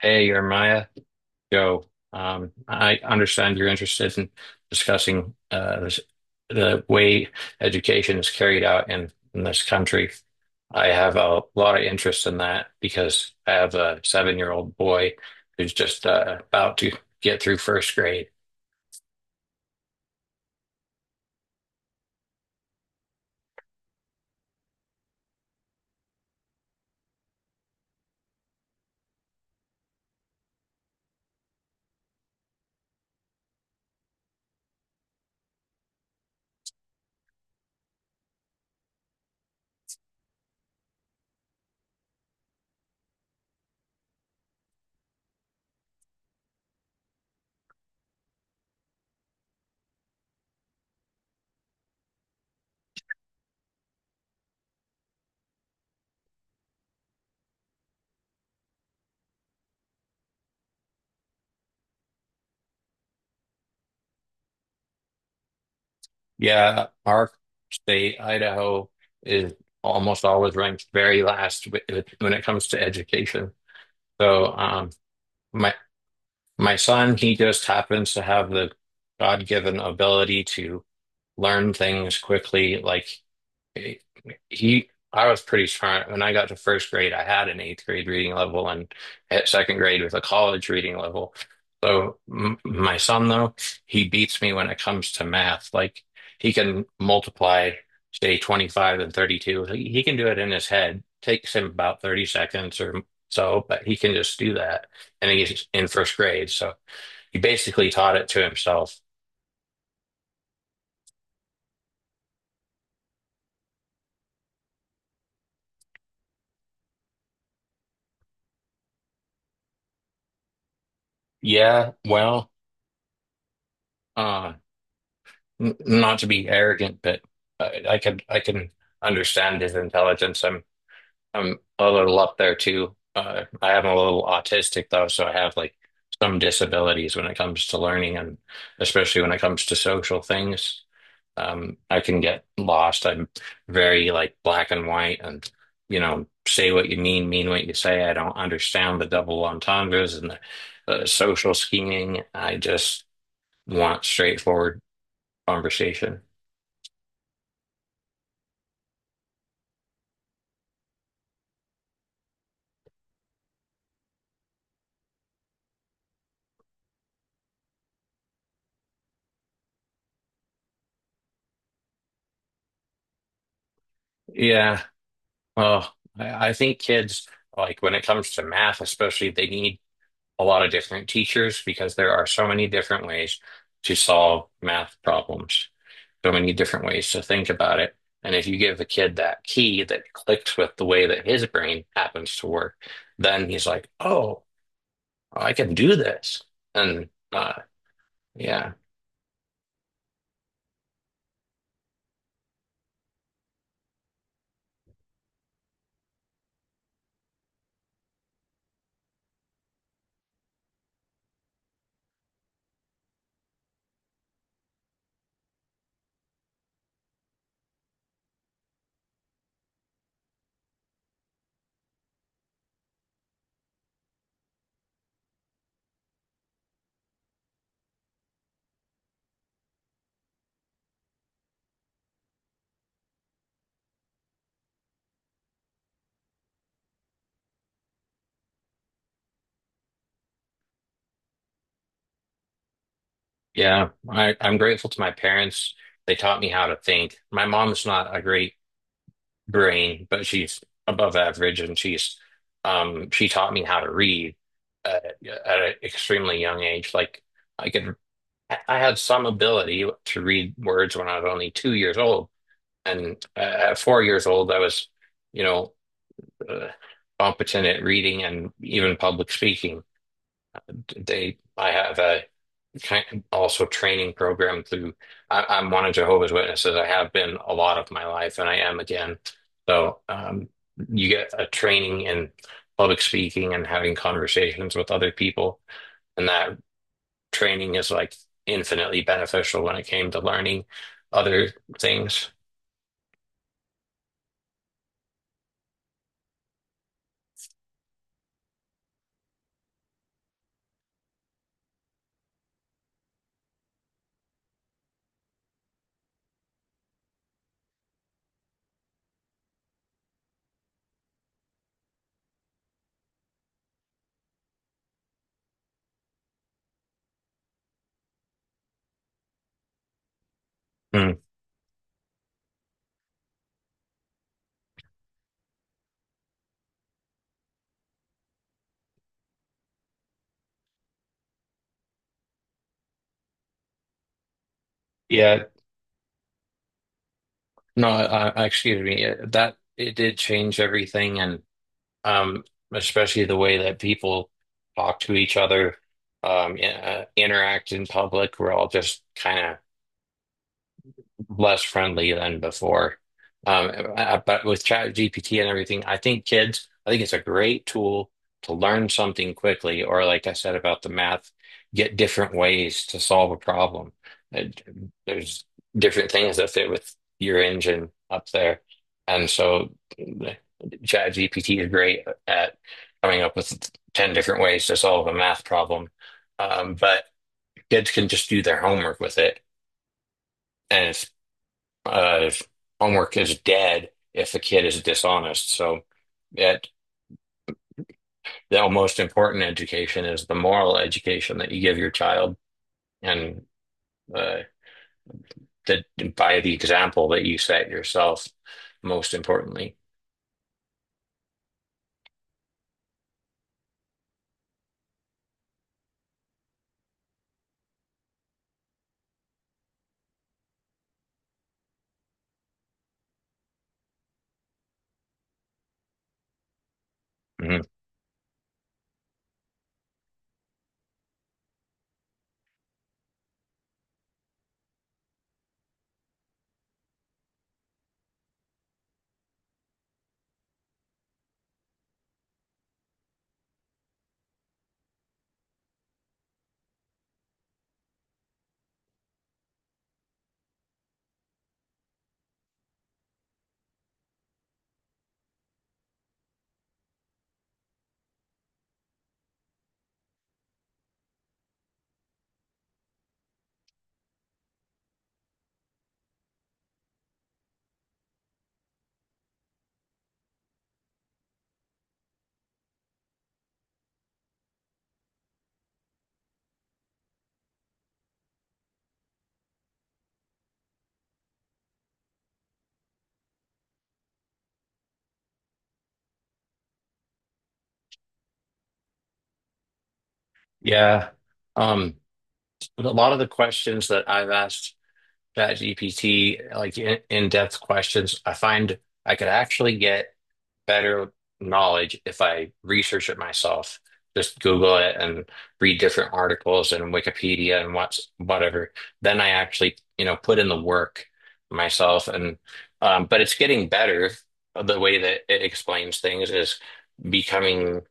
Hey, Jeremiah, Joe. I understand you're interested in discussing the way education is carried out in this country. I have a lot of interest in that because I have a 7-year-old boy who's just about to get through first grade. Yeah, our state, Idaho, is almost always ranked very last when it comes to education. So, my My son, he just happens to have the God-given ability to learn things quickly. Like eh, I was pretty smart. When I got to first grade, I had an eighth grade reading level and at second grade with a college reading level. So m my son, though, he beats me when it comes to math. Like he can multiply, say, 25 and 32. He can do it in his head. Takes him about 30 seconds or so, but he can just do that. And he's in first grade. So he basically taught it to himself. Yeah, well, uh, n not to be arrogant, but I can understand his intelligence. I'm a little up there too. I am a little autistic though, so I have like some disabilities when it comes to learning and especially when it comes to social things. I can get lost. I'm very like black and white and, you know, say what you mean what you say. I don't understand the double entendres and the social scheming. I just want straightforward conversation. Yeah. Well, I think kids, like when it comes to math, especially, they need a lot of different teachers because there are so many different ways to solve math problems, so many different ways to think about it. And if you give a kid that key that clicks with the way that his brain happens to work, then he's like, oh, I can do this. And Yeah, yeah, I'm grateful to my parents. They taught me how to think. My mom's not a great brain, but she's above average, and she taught me how to read at an extremely young age. Like I could, I had some ability to read words when I was only 2 years old, and at 4 years old, I was, you know, uh, competent at reading and even public speaking. I have a kind also training program through I'm one of Jehovah's Witnesses. I have been a lot of my life and I am again. So you get a training in public speaking and having conversations with other people. And that training is like infinitely beneficial when it came to learning other things. Hmm. Yeah, no, excuse me. That it did change everything, and um, especially the way that people talk to each other, interact in public. We're all just kind of less friendly than before. Um, but with ChatGPT and everything, I think kids, I think it's a great tool to learn something quickly, or like I said about the math, get different ways to solve a problem. Uh, There's different things that fit with your engine up there. And so ChatGPT is great at coming up with 10 different ways to solve a math problem. But kids can just do their homework with it. And it's If homework is dead if the kid is dishonest. So that the most important education is the moral education that you give your child and uh, that, by the example that you set yourself, most importantly. Mhm. Yeah. Um, but a lot of the questions that I've asked ChatGPT, like in-depth questions, I find I could actually get better knowledge if I research it myself. Just Google it and read different articles and Wikipedia and what's whatever. Then I actually, you know, put in the work myself. And but it's getting better. The way that it explains things is becoming.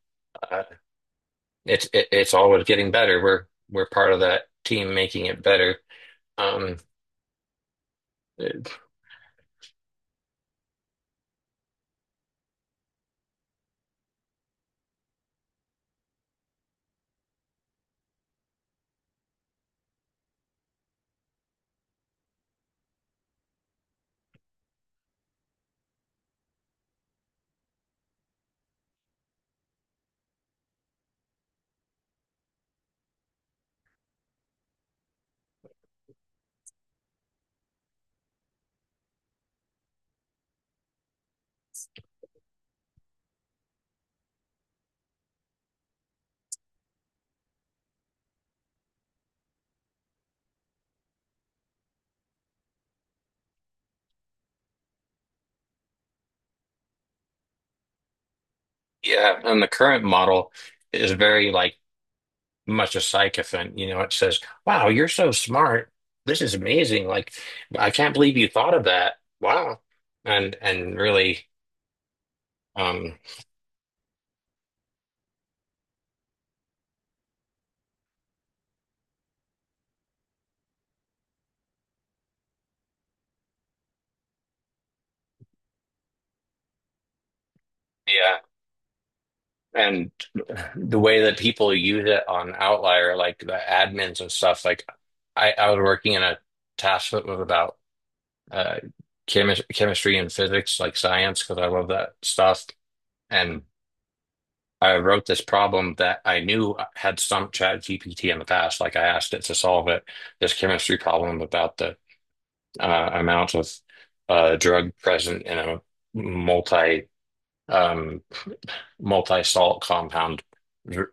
Uh, it's always getting better. We're part of that team making it better. Um, yeah, and the current model is very like much a sycophant. You know, it says, "Wow, you're so smart. This is amazing. Like, I can't believe you thought of that. Wow." And really, um, yeah. And the way that people use it on Outlier, like the admins and stuff, like I was working in a task that was about uh, chemistry and physics, like science, because I love that stuff. And I wrote this problem that I knew had some chat GPT in the past. Like I asked it to solve it, this chemistry problem about the amount of drug present in a multi um, multi-salt compound dr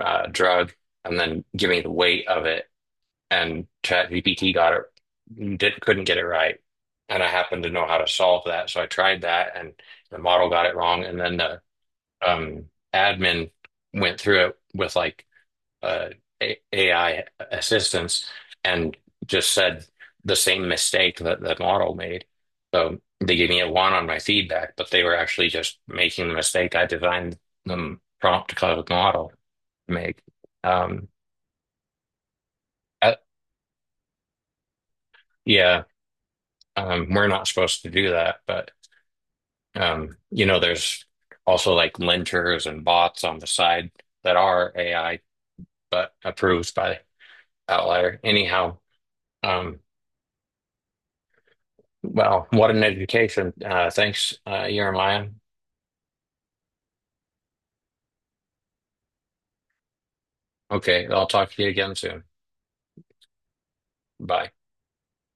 drug, and then give me the weight of it. And chat GPT couldn't get it right. And I happened to know how to solve that, so I tried that, and the model got it wrong. And then the um, admin went through it with like uh, AI assistants and just said the same mistake that the model made. So they gave me a one on my feedback, but they were actually just making the mistake I designed them prompt cloud model to make. Um, uh, yeah, we're not supposed to do that, but there's also like linters and bots on the side that are AI, but approved by Outlier. Anyhow, um, wow, what an education. Thanks, Jeremiah. Okay, I'll talk to you again soon. Bye.